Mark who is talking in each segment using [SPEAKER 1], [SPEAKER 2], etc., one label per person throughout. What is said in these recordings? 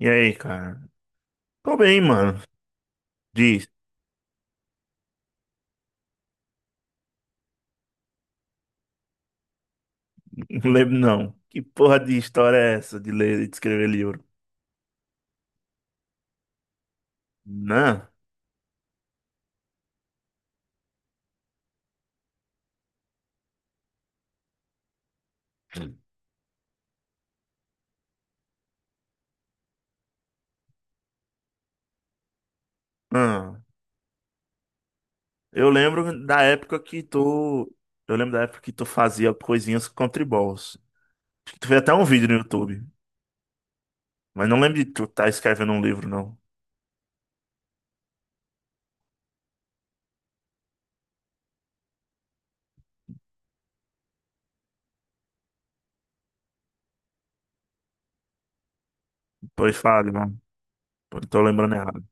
[SPEAKER 1] E aí, cara? Tô bem, mano. Diz, não lembro não. Que porra de história é essa de ler e de escrever livro? Não, não. Eu lembro da época que tu. Eu lembro da época que tu fazia coisinhas com tribols. Acho que tu fez até um vídeo no YouTube. Mas não lembro de tu tá escrevendo um livro, não. Pois fale, mano. Eu tô lembrando errado.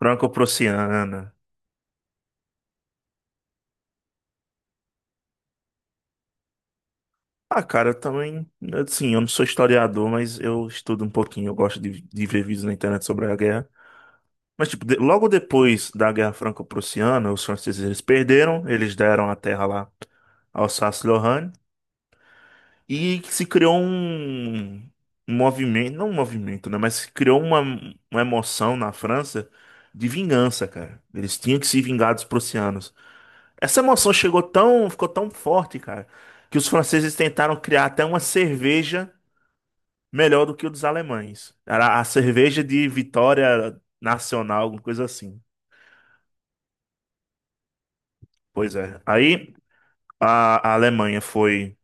[SPEAKER 1] Franco-Prussiana. Ah, cara, eu também. Assim, eu não sou historiador, mas eu estudo um pouquinho. Eu gosto de ver vídeos na internet sobre a guerra. Mas, tipo, logo depois da Guerra Franco-Prussiana, os franceses eles perderam, eles deram a terra lá à Alsácia-Lorraine, e se criou um movimento, não um movimento, né? Mas se criou uma emoção na França de vingança, cara. Eles tinham que se vingar dos prussianos. Essa emoção chegou tão, ficou tão forte, cara, que os franceses tentaram criar até uma cerveja melhor do que o dos alemães. Era a cerveja de vitória nacional, alguma coisa assim. Pois é. Aí, a Alemanha foi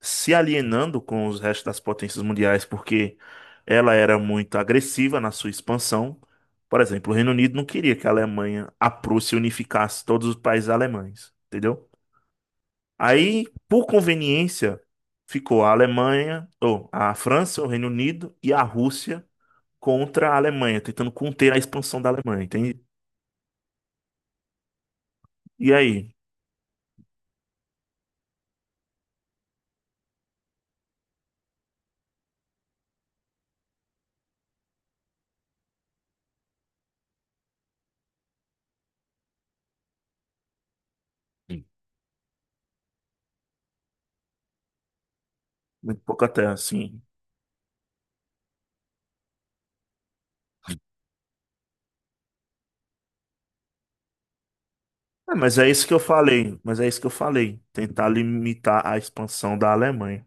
[SPEAKER 1] se alienando com os restos das potências mundiais porque ela era muito agressiva na sua expansão. Por exemplo, o Reino Unido não queria que a Alemanha, a Prússia, unificasse todos os países alemães, entendeu? Aí, por conveniência, ficou a Alemanha, ou a França, o Reino Unido e a Rússia contra a Alemanha, tentando conter a expansão da Alemanha, entende? E aí? Muito pouco até assim. É, mas é isso que eu falei, mas é isso que eu falei. Tentar limitar a expansão da Alemanha.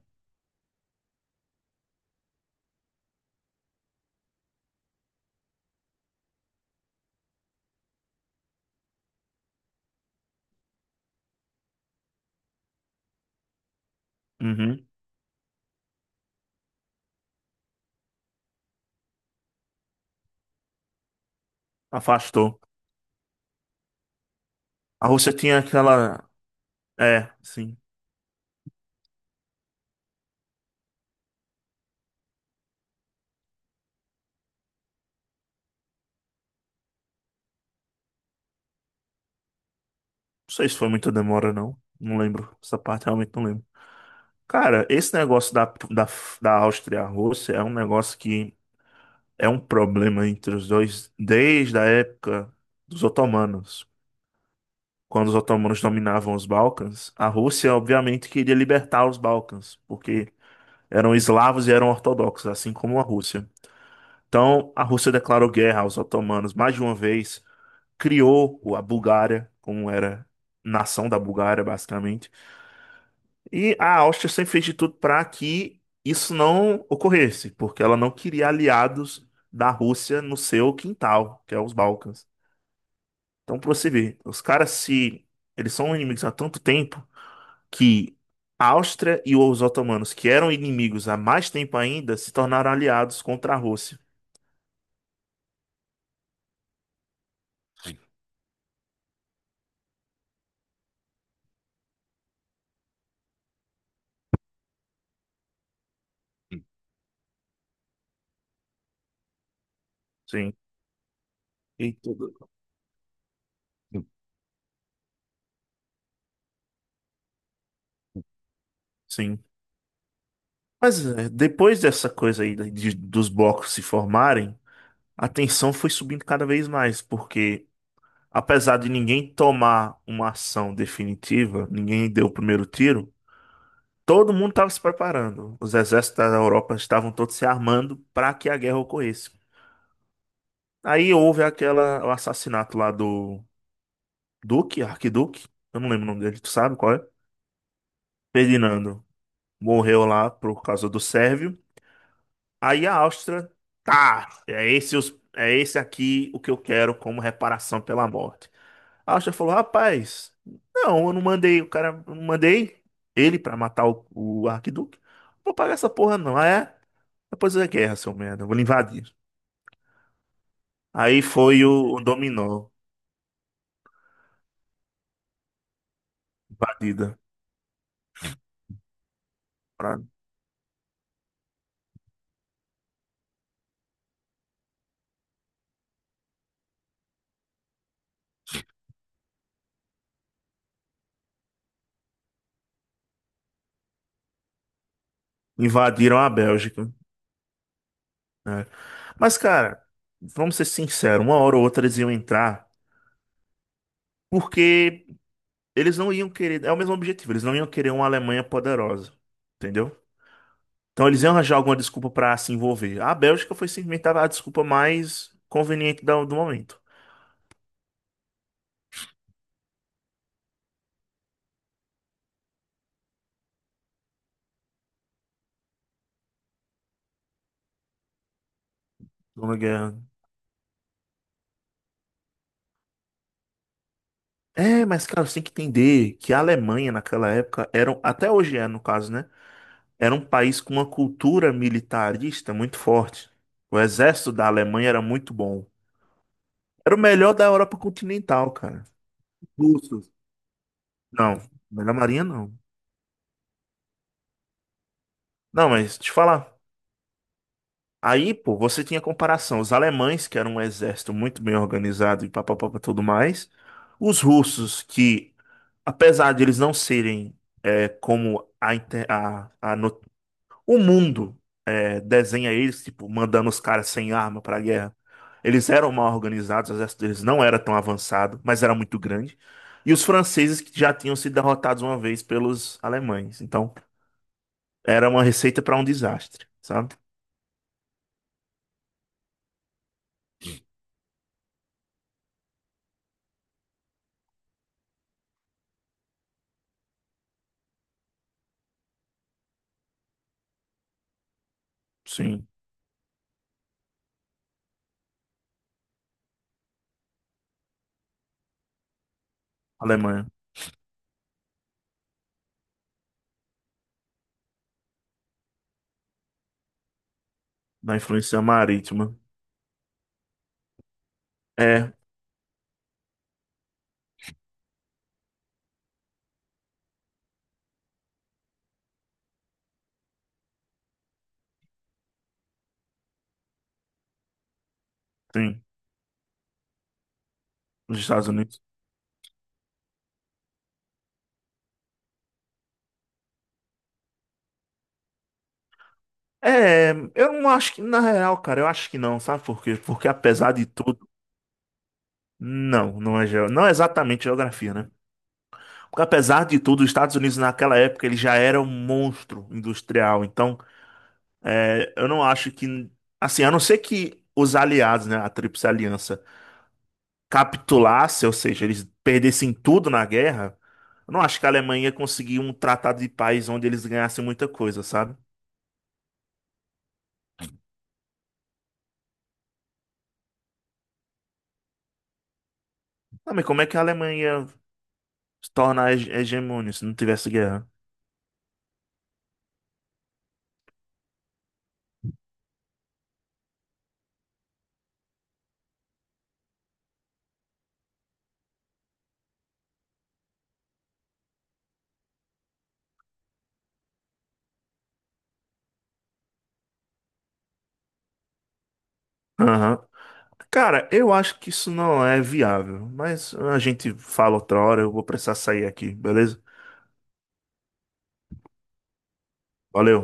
[SPEAKER 1] Uhum. Afastou. A Rússia tinha aquela. É, sim. Não sei se foi muita demora, não. Não lembro. Essa parte realmente não lembro. Cara, esse negócio da, da Áustria e a Rússia é um negócio que é um problema entre os dois desde a época dos otomanos. Quando os otomanos dominavam os Balcãs, a Rússia, obviamente, queria libertar os Balcãs, porque eram eslavos e eram ortodoxos, assim como a Rússia. Então, a Rússia declarou guerra aos otomanos mais de uma vez, criou a Bulgária, como era nação da Bulgária, basicamente. E a Áustria sempre fez de tudo para que isso não ocorresse, porque ela não queria aliados da Rússia no seu quintal, que é os Balcãs. Então, para você ver, os caras se eles são inimigos há tanto tempo que a Áustria e os otomanos, que eram inimigos há mais tempo ainda, se tornaram aliados contra a Rússia. Sim. E tudo. Sim. Mas é, depois dessa coisa aí dos blocos se formarem, a tensão foi subindo cada vez mais, porque apesar de ninguém tomar uma ação definitiva, ninguém deu o primeiro tiro, todo mundo estava se preparando. Os exércitos da Europa estavam todos se armando para que a guerra ocorresse. Aí houve aquela, o assassinato lá do Duque, Arquiduque, eu não lembro o nome dele, tu sabe qual é? Ferdinando morreu lá por causa do Sérvio. Aí a Áustria, tá, é esse, é esse aqui o que eu quero como reparação pela morte. A Áustria falou, rapaz, não, eu não mandei, o cara, eu não mandei ele pra matar o Arquiduque. Não vou pagar essa porra não, Ah, é? Depois da guerra, seu merda, eu vou lhe invadir. Aí foi o dominó, invadida, pra- invadiram a Bélgica, né? Mas, cara, vamos ser sinceros, uma hora ou outra eles iam entrar, porque... Eles não iam querer, é o mesmo objetivo, eles não iam querer uma Alemanha poderosa, entendeu? Então eles iam arranjar alguma desculpa pra se envolver. A Bélgica foi simplesmente a desculpa mais conveniente do momento. Numa guerra. É, mas cara, você tem que entender que a Alemanha naquela época era, até hoje é no caso, né? Era um país com uma cultura militarista muito forte. O exército da Alemanha era muito bom. Era o melhor da Europa continental, cara. Russos. Não, melhor marinha não. Não, mas te falar. Aí, pô, você tinha comparação. Os alemães, que eram um exército muito bem organizado e papapá e tudo mais. Os russos, que, apesar de eles não serem é, como a, inter- a no- o mundo desenha eles, tipo, mandando os caras sem arma pra guerra, eles eram mal organizados, o exército deles não era tão avançado, mas era muito grande. E os franceses, que já tinham sido derrotados uma vez pelos alemães. Então, era uma receita pra um desastre, sabe? Sim, Alemanha. Da influência marítima. É, sim, nos Estados Unidos. É, eu não acho que, na real, cara, eu acho que não, sabe por quê? Porque apesar de tudo, não, não é, não é exatamente geografia, né? Porque apesar de tudo, os Estados Unidos naquela época ele já era um monstro industrial, então é, eu não acho que, assim, a não ser que os aliados, né, a Tríplice Aliança, capitulasse, ou seja, eles perdessem tudo na guerra, eu não acho que a Alemanha ia conseguir um tratado de paz onde eles ganhassem muita coisa, sabe? Ah, mas como é que a Alemanha se torna hegemônia se não tivesse guerra? Aham. Cara, eu acho que isso não é viável, mas a gente fala outra hora, eu vou precisar sair aqui, beleza? Valeu.